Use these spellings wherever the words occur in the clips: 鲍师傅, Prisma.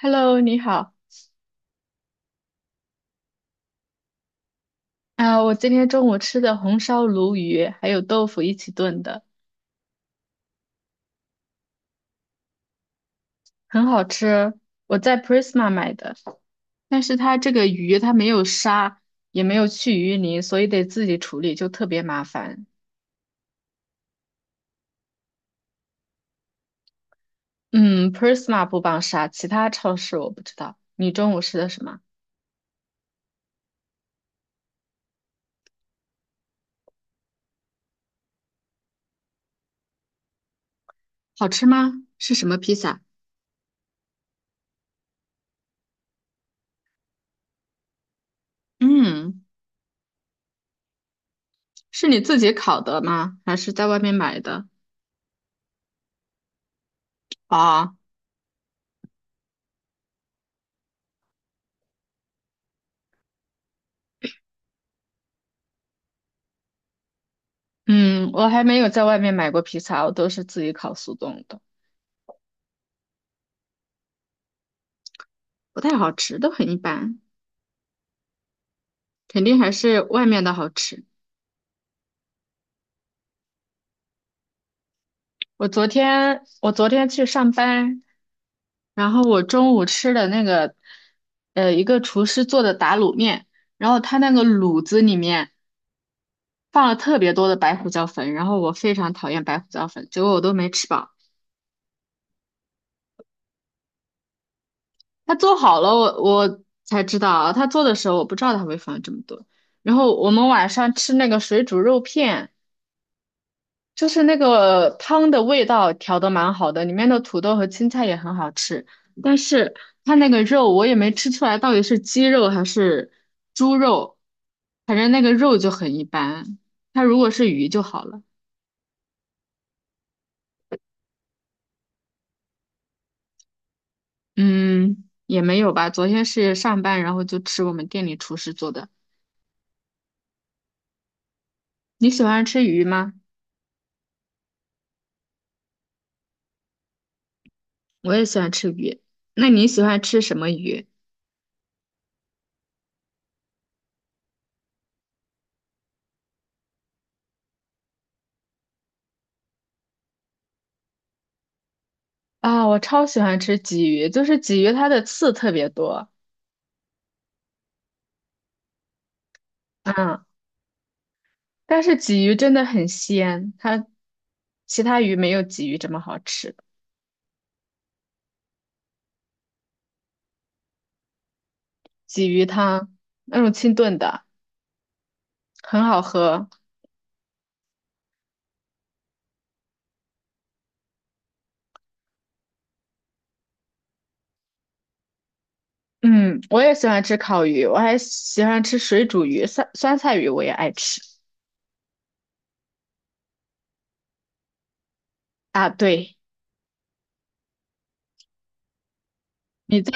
Hello，你好啊！我今天中午吃的红烧鲈鱼还有豆腐一起炖的，很好吃。我在 Prisma 买的，但是它这个鱼它没有杀，也没有去鱼鳞，所以得自己处理，就特别麻烦。嗯，Prisma 不帮杀，其他超市我不知道。你中午吃的什么？好吃吗？是什么披萨？嗯，是你自己烤的吗？还是在外面买的？啊，嗯，我还没有在外面买过披萨，我都是自己烤速冻的。不太好吃，都很一般，肯定还是外面的好吃。我昨天去上班，然后我中午吃的那个，一个厨师做的打卤面，然后他那个卤子里面放了特别多的白胡椒粉，然后我非常讨厌白胡椒粉，结果我都没吃饱。他做好了，我才知道啊他做的时候我不知道他会放这么多。然后我们晚上吃那个水煮肉片。就是那个汤的味道调的蛮好的，里面的土豆和青菜也很好吃，但是它那个肉我也没吃出来到底是鸡肉还是猪肉，反正那个肉就很一般。它如果是鱼就好了，嗯，也没有吧。昨天是上班，然后就吃我们店里厨师做的。你喜欢吃鱼吗？我也喜欢吃鱼。那你喜欢吃什么鱼？啊，我超喜欢吃鲫鱼，就是鲫鱼它的刺特别多。嗯。但是鲫鱼真的很鲜，它其他鱼没有鲫鱼这么好吃。鲫鱼汤那种清炖的很好喝。嗯，我也喜欢吃烤鱼，我还喜欢吃水煮鱼，酸酸菜鱼我也爱吃。啊，对，你在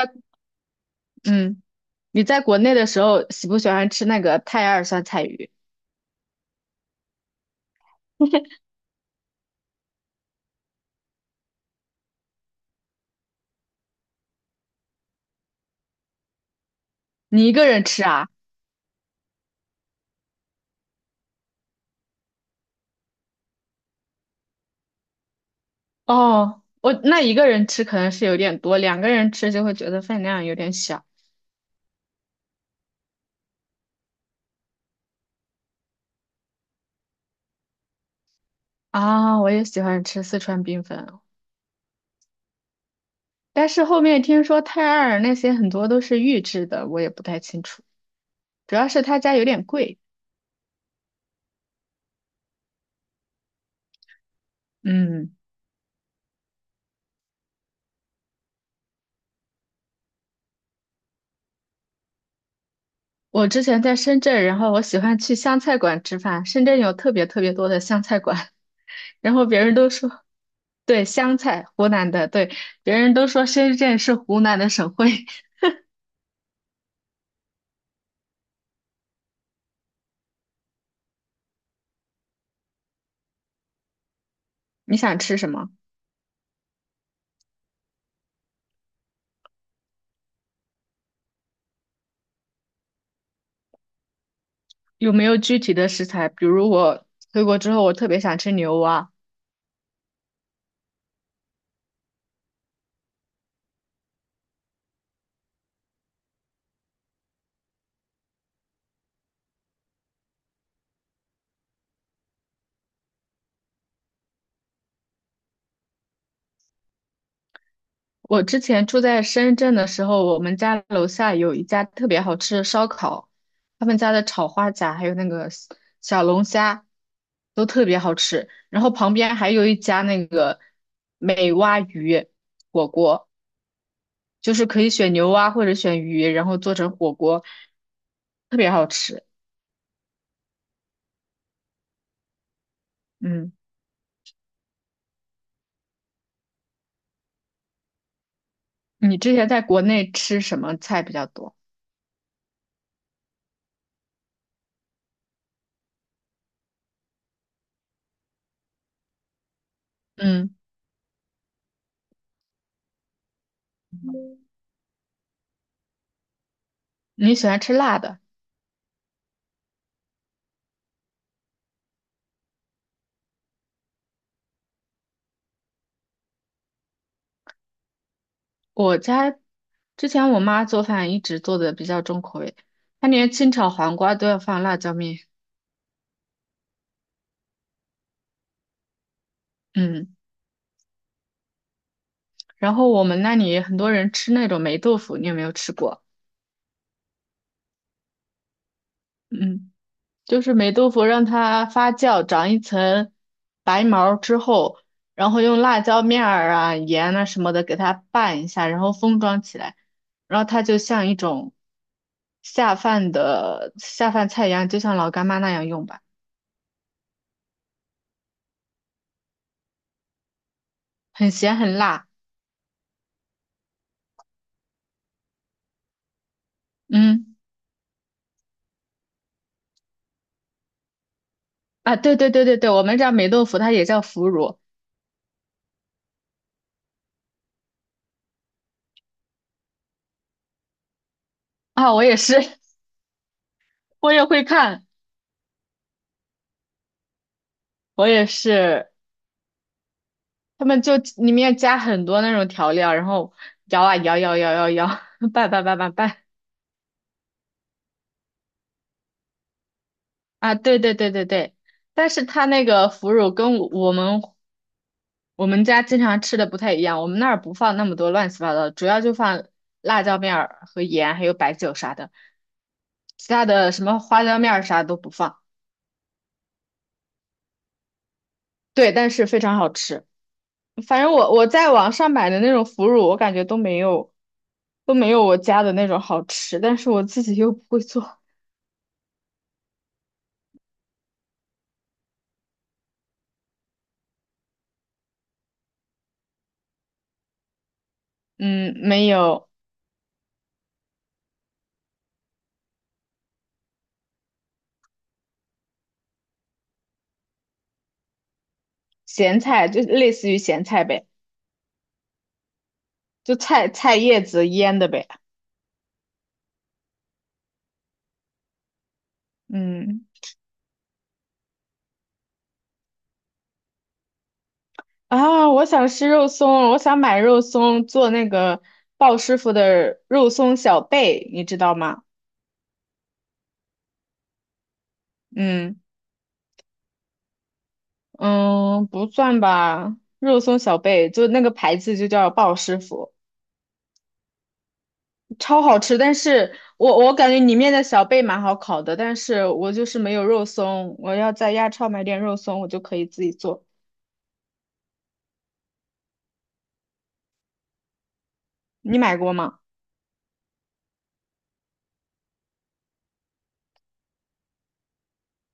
嗯你在国内的时候喜不喜欢吃那个泰二酸菜鱼？你一个人吃啊？哦，我那一个人吃可能是有点多，两个人吃就会觉得分量有点小。啊，我也喜欢吃四川冰粉，但是后面听说泰尔那些很多都是预制的，我也不太清楚。主要是他家有点贵。嗯，我之前在深圳，然后我喜欢去湘菜馆吃饭。深圳有特别特别多的湘菜馆，然后别人都说，对，湘菜，湖南的，对，别人都说深圳是湖南的省会。你想吃什么？有没有具体的食材？比如我回国之后，我特别想吃牛蛙，我之前住在深圳的时候，我们家楼下有一家特别好吃的烧烤，他们家的炒花甲还有那个小龙虾都特别好吃。然后旁边还有一家那个美蛙鱼火锅，就是可以选牛蛙或者选鱼，然后做成火锅，特别好吃。嗯，你之前在国内吃什么菜比较多？嗯，你喜欢吃辣的？我家之前我妈做饭一直做的比较重口味，她连清炒黄瓜都要放辣椒面。嗯，然后我们那里很多人吃那种霉豆腐，你有没有吃过？嗯，就是霉豆腐让它发酵长一层白毛之后，然后用辣椒面儿啊、盐啊什么的给它拌一下，然后封装起来，然后它就像一种下饭的下饭菜一样，就像老干妈那样用吧，很咸很辣。嗯。啊，对对对对对，我们这儿霉豆腐它也叫腐乳啊，我也是，我也会看，我也是，他们就里面加很多那种调料，然后摇啊摇摇摇摇摇，拌拌拌拌拌啊，对对对对对，但是它那个腐乳跟我们家经常吃的不太一样，我们那儿不放那么多乱七八糟的，主要就放辣椒面儿和盐，还有白酒啥的，其他的什么花椒面儿啥都不放，对，但是非常好吃。反正我在网上买的那种腐乳，我感觉都没有我家的那种好吃，但是我自己又不会做。嗯，没有咸菜，就类似于咸菜呗，就菜菜叶子腌的呗。嗯啊，我想吃肉松我想买肉松做那个鲍师傅的肉松小贝，你知道吗？嗯嗯，不算吧，肉松小贝就那个牌子就叫鲍师傅。超好吃，但是我感觉里面的小贝蛮好烤的，但是我就是没有肉松，我要在亚超买点肉松，我就可以自己做。你买过吗？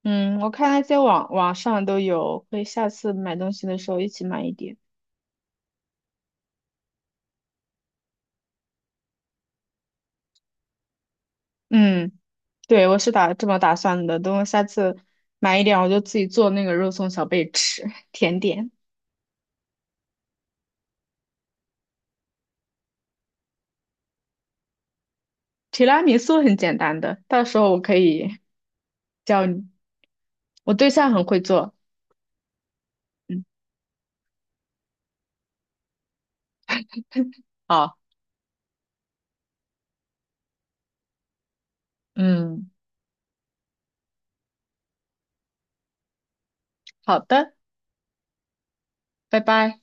嗯，我看那些网上都有，可以下次买东西的时候一起买一点。嗯，对，我是打这么打算的，等我下次买一点，我就自己做那个肉松小贝吃，甜点。提拉米苏很简单的，到时候我可以教你，我对象很会做。嗯，好，嗯，好的，拜拜。